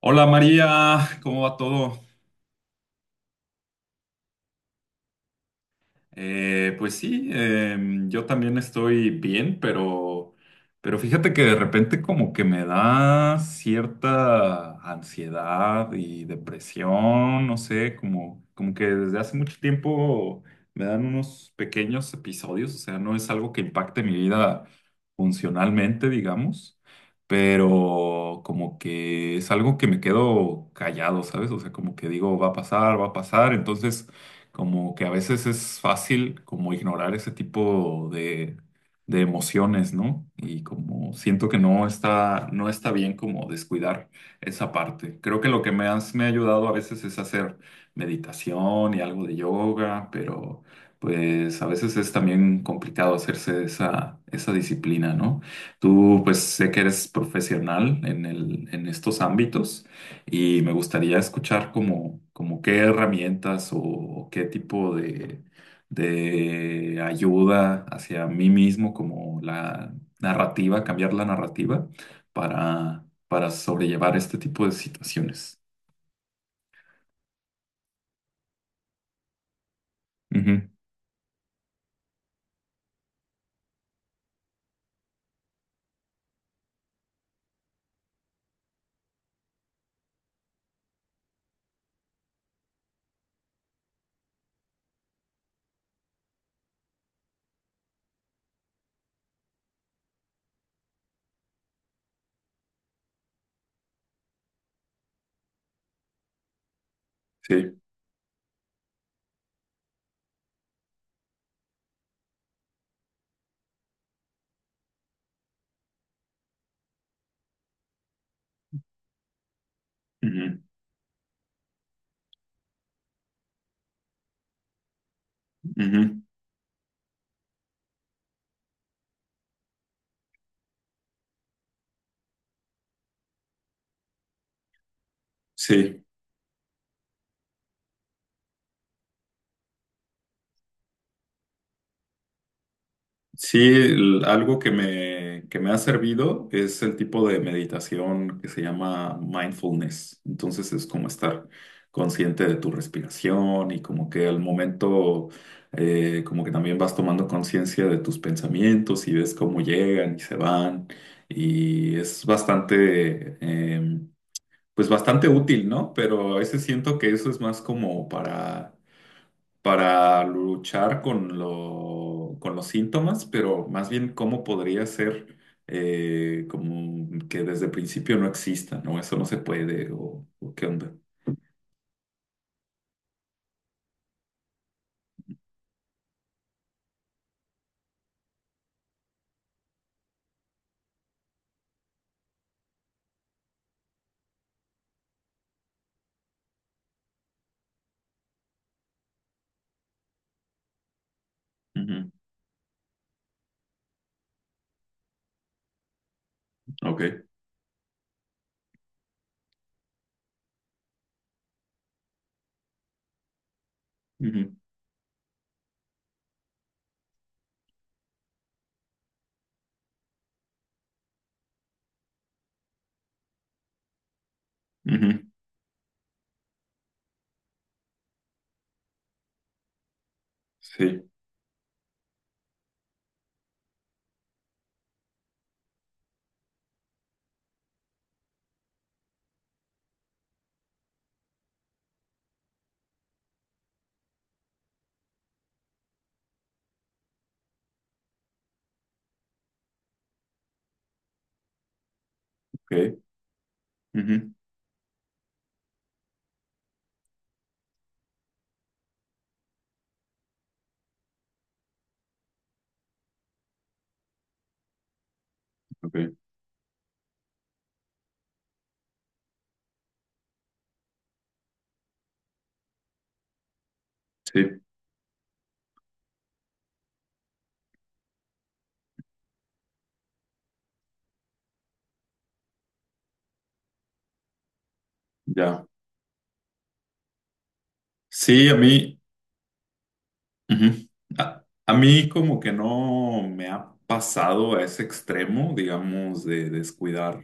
Hola María, ¿cómo va todo? Pues sí, yo también estoy bien, pero fíjate que de repente como que me da cierta ansiedad y depresión, no sé, como que desde hace mucho tiempo me dan unos pequeños episodios. O sea, no es algo que impacte mi vida funcionalmente, digamos, pero como que es algo que me quedo callado, ¿sabes? O sea, como que digo, va a pasar, va a pasar. Entonces como que a veces es fácil como ignorar ese tipo de, emociones, ¿no? Y como siento que no está bien como descuidar esa parte. Creo que lo que me ha ayudado a veces es hacer meditación y algo de yoga, pero pues a veces es también complicado hacerse esa disciplina, ¿no? Tú pues sé que eres profesional en estos ámbitos. Y me gustaría escuchar como qué herramientas o qué tipo de, ayuda hacia mí mismo, como la narrativa, cambiar la narrativa para sobrellevar este tipo de situaciones. Ujú. Sí. Ujú, ujú. Sí. Sí, algo que me ha servido es el tipo de meditación que se llama mindfulness. Entonces es como estar consciente de tu respiración y como que al momento, como que también vas tomando conciencia de tus pensamientos y ves cómo llegan y se van. Y es bastante, pues bastante útil, ¿no? Pero a veces siento que eso es más como para luchar con con los síntomas, pero más bien cómo podría ser, como que desde el principio no exista, ¿no? Eso no se puede, o qué onda. Ujú. Ok. Ujú, ujú. Sí, ok. Ujú, ok. Sí, ya. Sí, a mí. Ujú. A mí como que no me ha pasado a ese extremo, digamos, de descuidar.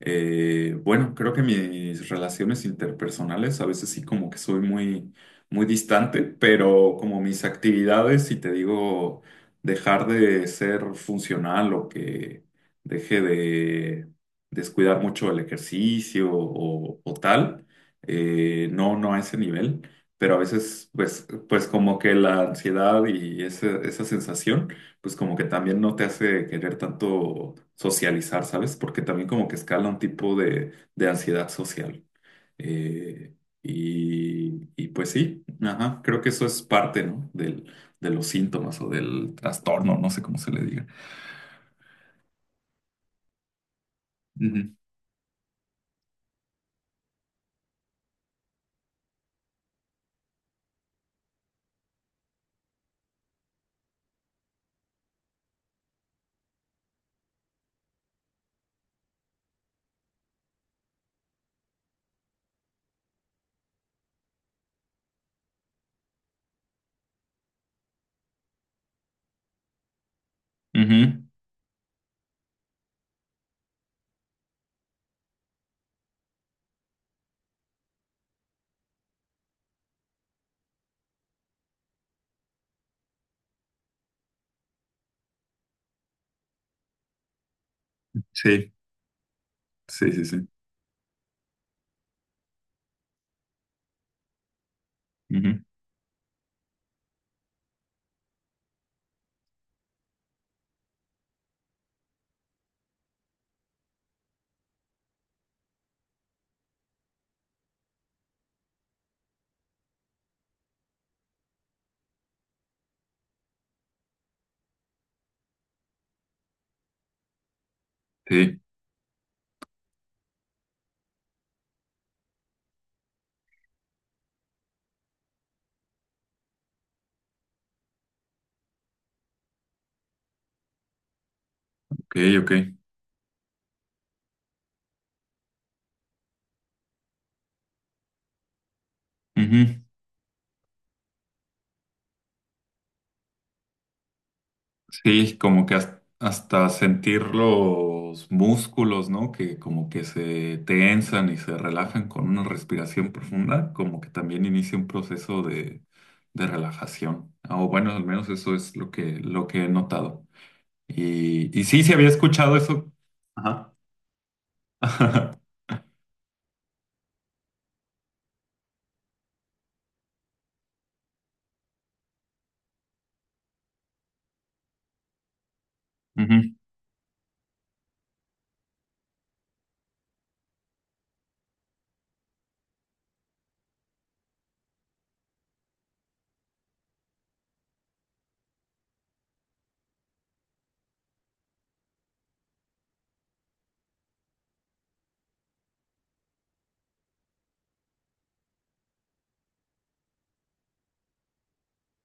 Bueno, creo que mis relaciones interpersonales a veces sí como que soy muy, muy distante, pero como mis actividades, si te digo, dejar de ser funcional o que deje de descuidar mucho el ejercicio o tal, no, no a ese nivel, pero a veces, pues como que la ansiedad y esa sensación, pues como que también no te hace querer tanto socializar, ¿sabes? Porque también como que escala un tipo de, ansiedad social. Eh, y pues sí, ajá, creo que eso es parte, ¿no? De los síntomas o del trastorno, no sé cómo se le diga. Ujú, ujú. Sí, sí, sí, sí. Ujú. Sí, ok, ok. Ujú. Sí, como que hasta sentir los músculos, ¿no? Que como que se tensan y se relajan con una respiración profunda, como que también inicia un proceso de, relajación. Ah, o bueno, al menos eso es lo que, he notado. Y sí, sí había escuchado eso. Ajá. Ujú,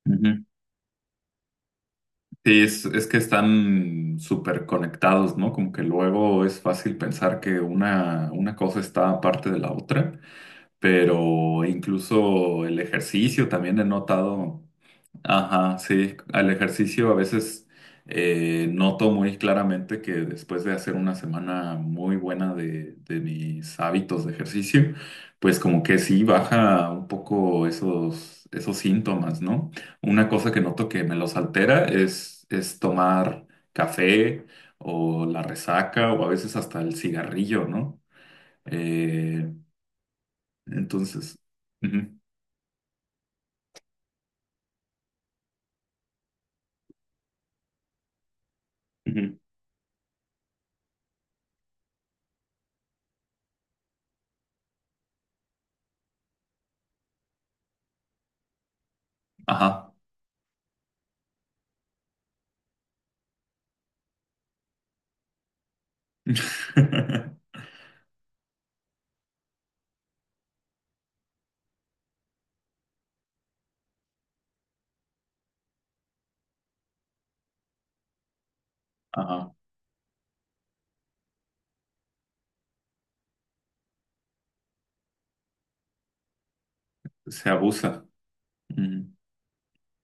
ujú. Sí, es que están súper conectados, ¿no? Como que luego es fácil pensar que una cosa está aparte de la otra, pero incluso el ejercicio también he notado, ajá, sí, al ejercicio a veces, noto muy claramente que después de hacer una semana muy buena de, mis hábitos de ejercicio, pues como que sí baja un poco esos síntomas, ¿no? Una cosa que noto que me los altera es tomar café o la resaca o a veces hasta el cigarrillo, ¿no? Eh, entonces. Ujú. Ujú. Ajá. Ajá. Se abusa. Mm.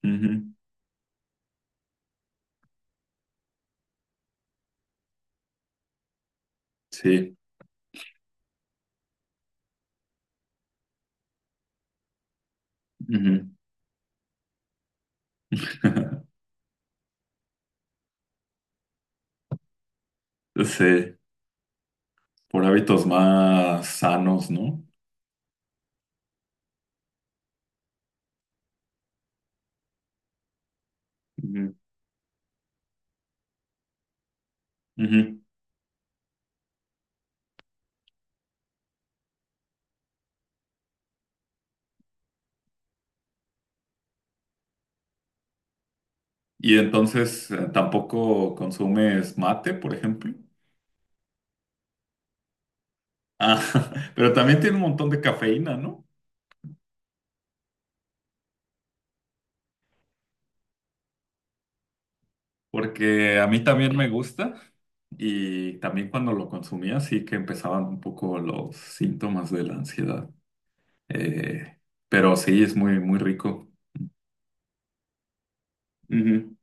Ujú. Sí. Ujú. Sí. Por hábitos más sanos, ¿no? Ujú. Ujú. Y entonces, ¿tampoco consumes mate, por ejemplo? Ah, pero también tiene un montón de cafeína, ¿no? Porque a mí también me gusta y también cuando lo consumía sí que empezaban un poco los síntomas de la ansiedad. Eh, pero sí, es muy, muy rico. Ujú.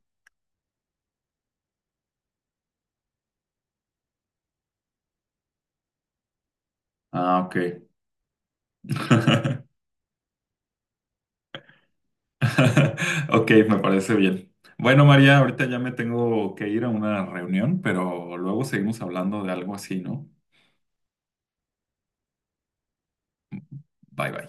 Ah, ok. Ok, me parece bien. Bueno, María, ahorita ya me tengo que ir a una reunión, pero luego seguimos hablando de algo así, ¿no? Bye bye.